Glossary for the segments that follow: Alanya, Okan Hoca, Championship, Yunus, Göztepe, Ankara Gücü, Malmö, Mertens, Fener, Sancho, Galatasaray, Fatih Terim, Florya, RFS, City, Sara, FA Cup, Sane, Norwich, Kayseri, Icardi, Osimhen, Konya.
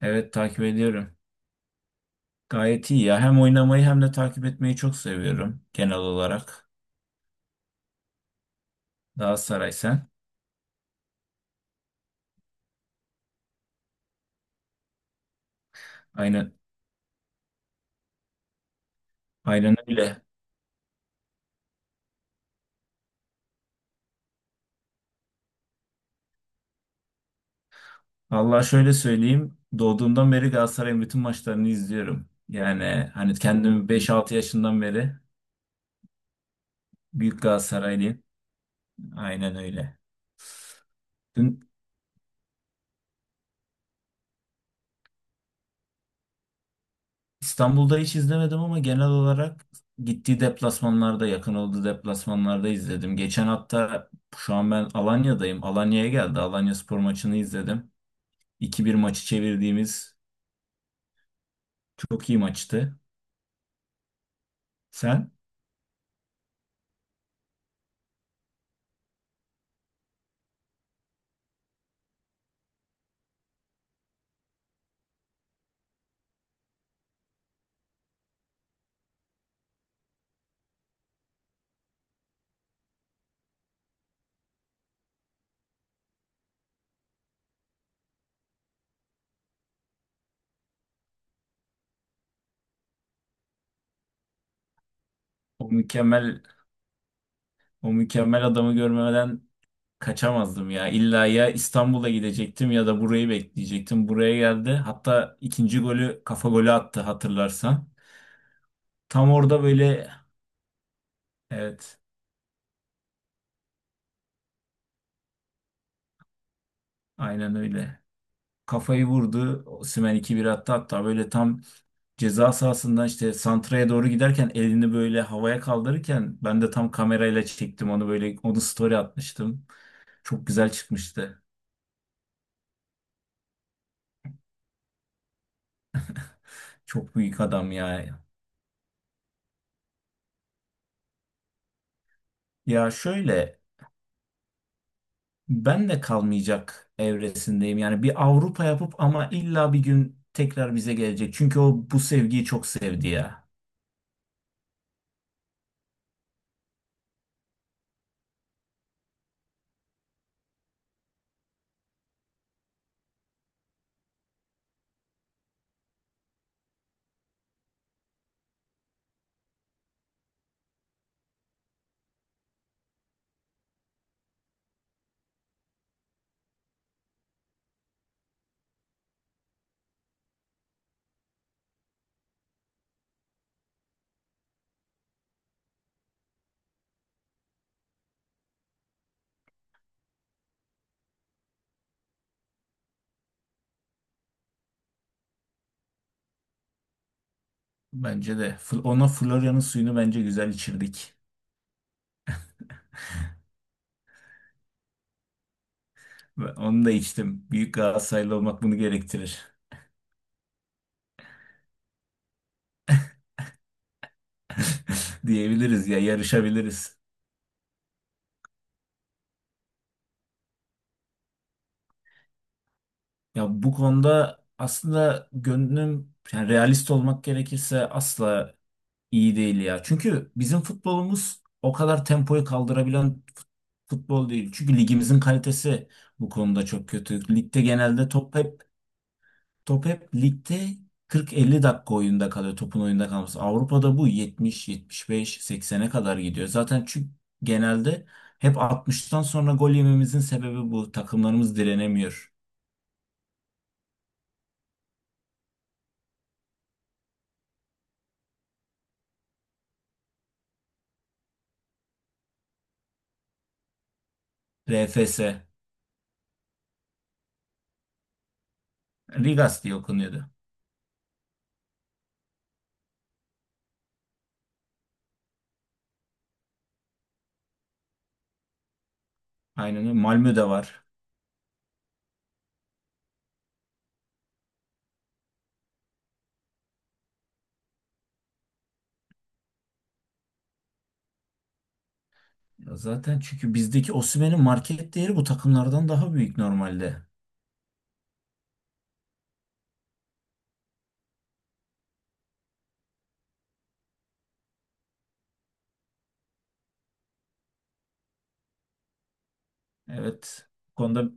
Evet, takip ediyorum. Gayet iyi ya. Hem oynamayı hem de takip etmeyi çok seviyorum genel olarak. Galatasaray, sen? Aynen, aynen öyle. Allah şöyle söyleyeyim. Doğduğumdan beri Galatasaray'ın bütün maçlarını izliyorum. Yani hani kendimi 5-6 yaşından beri büyük Galatasaraylıyım. Aynen öyle. Dün İstanbul'da hiç izlemedim ama genel olarak gittiği deplasmanlarda, yakın olduğu deplasmanlarda izledim. Geçen hafta şu an ben Alanya'dayım. Alanya'ya geldi. Alanya spor maçını izledim. 2 bir maçı çevirdiğimiz çok iyi maçtı. Sen o mükemmel o mükemmel adamı görmeden kaçamazdım ya. İlla ya İstanbul'a gidecektim ya da burayı bekleyecektim. Buraya geldi. Hatta ikinci golü kafa golü attı, hatırlarsan. Tam orada böyle, evet, aynen öyle. Kafayı vurdu. Osimhen 2-1 attı hatta, böyle tam ceza sahasından işte santraya doğru giderken elini böyle havaya kaldırırken ben de tam kamerayla çektim onu, böyle onu story atmıştım. Çok güzel çıkmıştı. Çok büyük adam ya. Ya şöyle, ben de kalmayacak evresindeyim. Yani bir Avrupa yapıp ama illa bir gün tekrar bize gelecek. Çünkü o bu sevgiyi çok sevdi ya. Bence de. Ona Florya'nın suyunu bence güzel içirdik. Ve onu da içtim. Büyük Galatasaraylı olmak bunu gerektirir. Diyebiliriz ya, yarışabiliriz. Ya bu konuda aslında gönlüm, yani realist olmak gerekirse, asla iyi değil ya. Çünkü bizim futbolumuz o kadar tempoyu kaldırabilen fut- futbol değil. Çünkü ligimizin kalitesi bu konuda çok kötü. Ligde genelde top hep ligde 40-50 dakika oyunda kalıyor. Topun oyunda kalması. Avrupa'da bu 70, 75, 80'e kadar gidiyor. Zaten çünkü genelde hep 60'tan sonra gol yememizin sebebi bu. Takımlarımız direnemiyor. RFS. Ligas diye okunuyordu. Aynen öyle. Malmö'de var. Ya zaten çünkü bizdeki Osimhen'in market değeri bu takımlardan daha büyük normalde. Evet. Bu konuda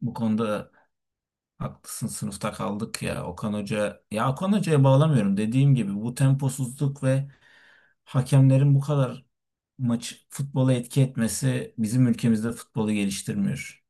bu konuda haklısın. Sınıfta kaldık ya. Okan Hoca, ya Okan Hoca'ya bağlamıyorum. Dediğim gibi, bu temposuzluk ve hakemlerin bu kadar maç futbola etki etmesi bizim ülkemizde futbolu geliştirmiyor.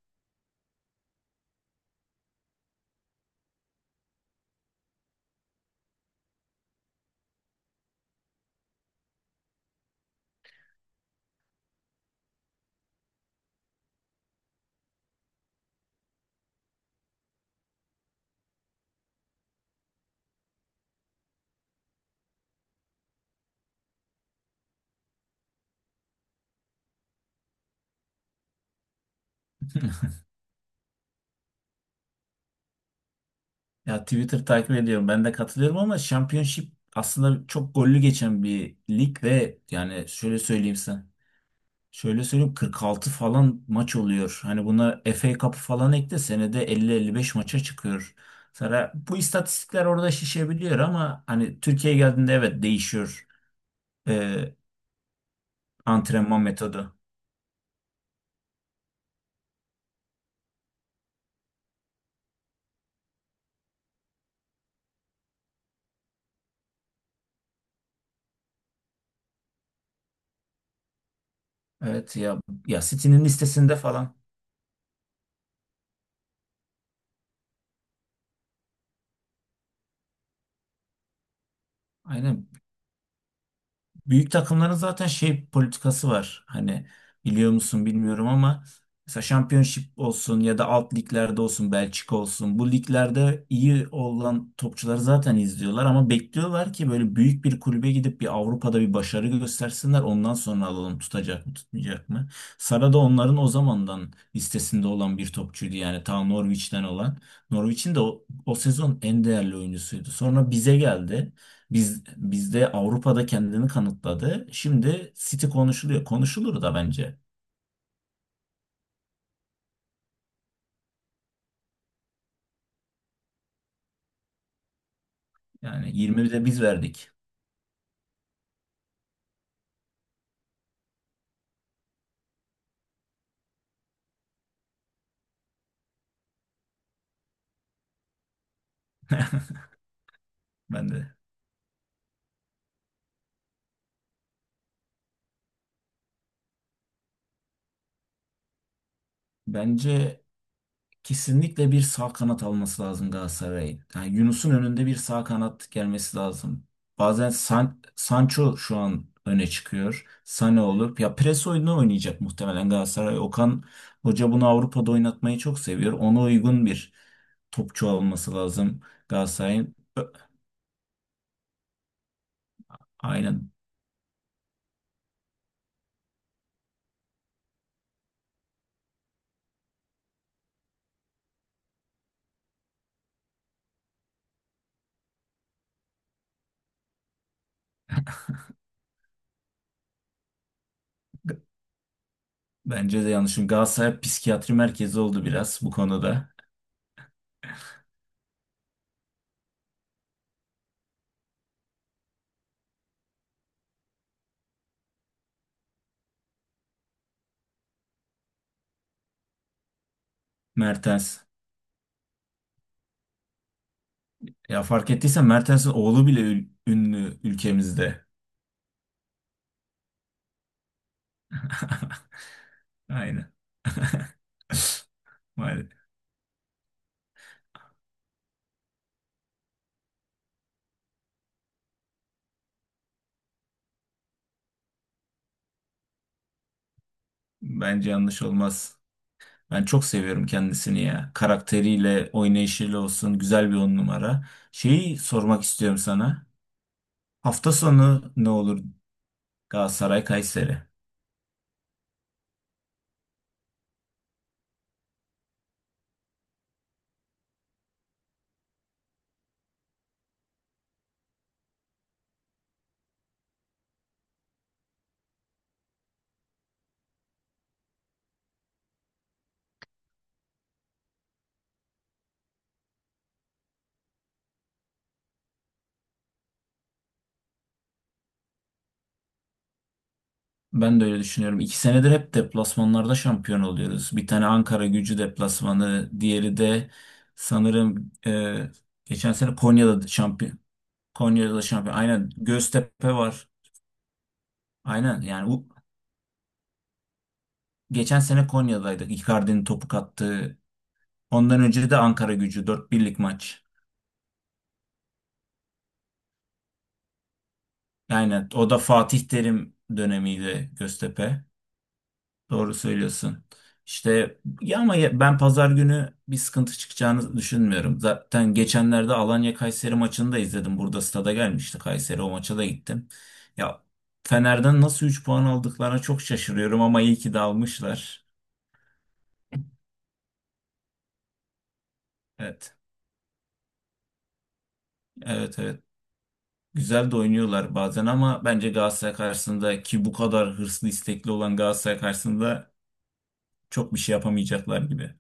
Ya Twitter takip ediyorum. Ben de katılıyorum ama Championship aslında çok gollü geçen bir lig ve yani şöyle söyleyeyim sen. Şöyle söyleyeyim, 46 falan maç oluyor. Hani buna FA Cup'ı falan ekle, senede 50-55 maça çıkıyor. Sonra bu istatistikler orada şişebiliyor ama hani Türkiye'ye geldiğinde evet değişiyor e, antrenman metodu. Evet ya, City'nin listesinde falan. Aynen, büyük takımların zaten şey politikası var. Hani biliyor musun bilmiyorum ama mesela Championship olsun ya da alt liglerde olsun, Belçika olsun, bu liglerde iyi olan topçuları zaten izliyorlar ama bekliyorlar ki böyle büyük bir kulübe gidip bir Avrupa'da bir başarı göstersinler, ondan sonra alalım tutacak mı tutmayacak mı. Sara da onların o zamandan listesinde olan bir topçuydu yani, ta Norwich'ten olan. Norwich'in de o, o sezon en değerli oyuncusuydu. Sonra bize geldi. Bizde Avrupa'da kendini kanıtladı. Şimdi City konuşuluyor. Konuşulur da bence. Yani 20'de biz verdik. Ben de. Bence kesinlikle bir sağ kanat alması lazım Galatasaray'ın. Yani Yunus'un önünde bir sağ kanat gelmesi lazım. Bazen Sancho şu an öne çıkıyor. Sane olur. Ya pres oyunu oynayacak muhtemelen Galatasaray. Okan Hoca bunu Avrupa'da oynatmayı çok seviyor. Ona uygun bir topçu alması lazım Galatasaray'ın. Aynen. Bence de yanlış. Çünkü Galatasaray psikiyatri merkezi oldu biraz bu konuda. Mertens. Ya fark ettiysen Mertens'in oğlu bile ünlü ülkemizde. Aynen. Maalesef. Bence yanlış olmaz. Ben çok seviyorum kendisini ya. Karakteriyle, oynayışıyla olsun. Güzel bir on numara. Şeyi sormak istiyorum sana. Hafta sonu ne olur, Galatasaray Kayseri? Ben de öyle düşünüyorum. İki senedir hep deplasmanlarda şampiyon oluyoruz. Bir tane Ankara Gücü deplasmanı, diğeri de sanırım geçen sene Konya'da şampiyon. Konya'da da şampiyon. Aynen, Göztepe var. Aynen, yani bu geçen sene Konya'daydık. Icardi'nin topu kattığı. Ondan önce de Ankara Gücü dört birlik maç. Aynen, o da Fatih Terim dönemiydi, Göztepe. Doğru söylüyorsun. İşte ya, ama ben pazar günü bir sıkıntı çıkacağını düşünmüyorum. Zaten geçenlerde Alanya Kayseri maçını da izledim. Burada stada gelmişti Kayseri, o maça da gittim. Ya Fener'den nasıl 3 puan aldıklarına çok şaşırıyorum ama iyi ki de almışlar. Evet. Evet, evet. Güzel de oynuyorlar bazen ama bence Galatasaray karşısında, ki bu kadar hırslı istekli olan Galatasaray karşısında, çok bir şey yapamayacaklar gibi.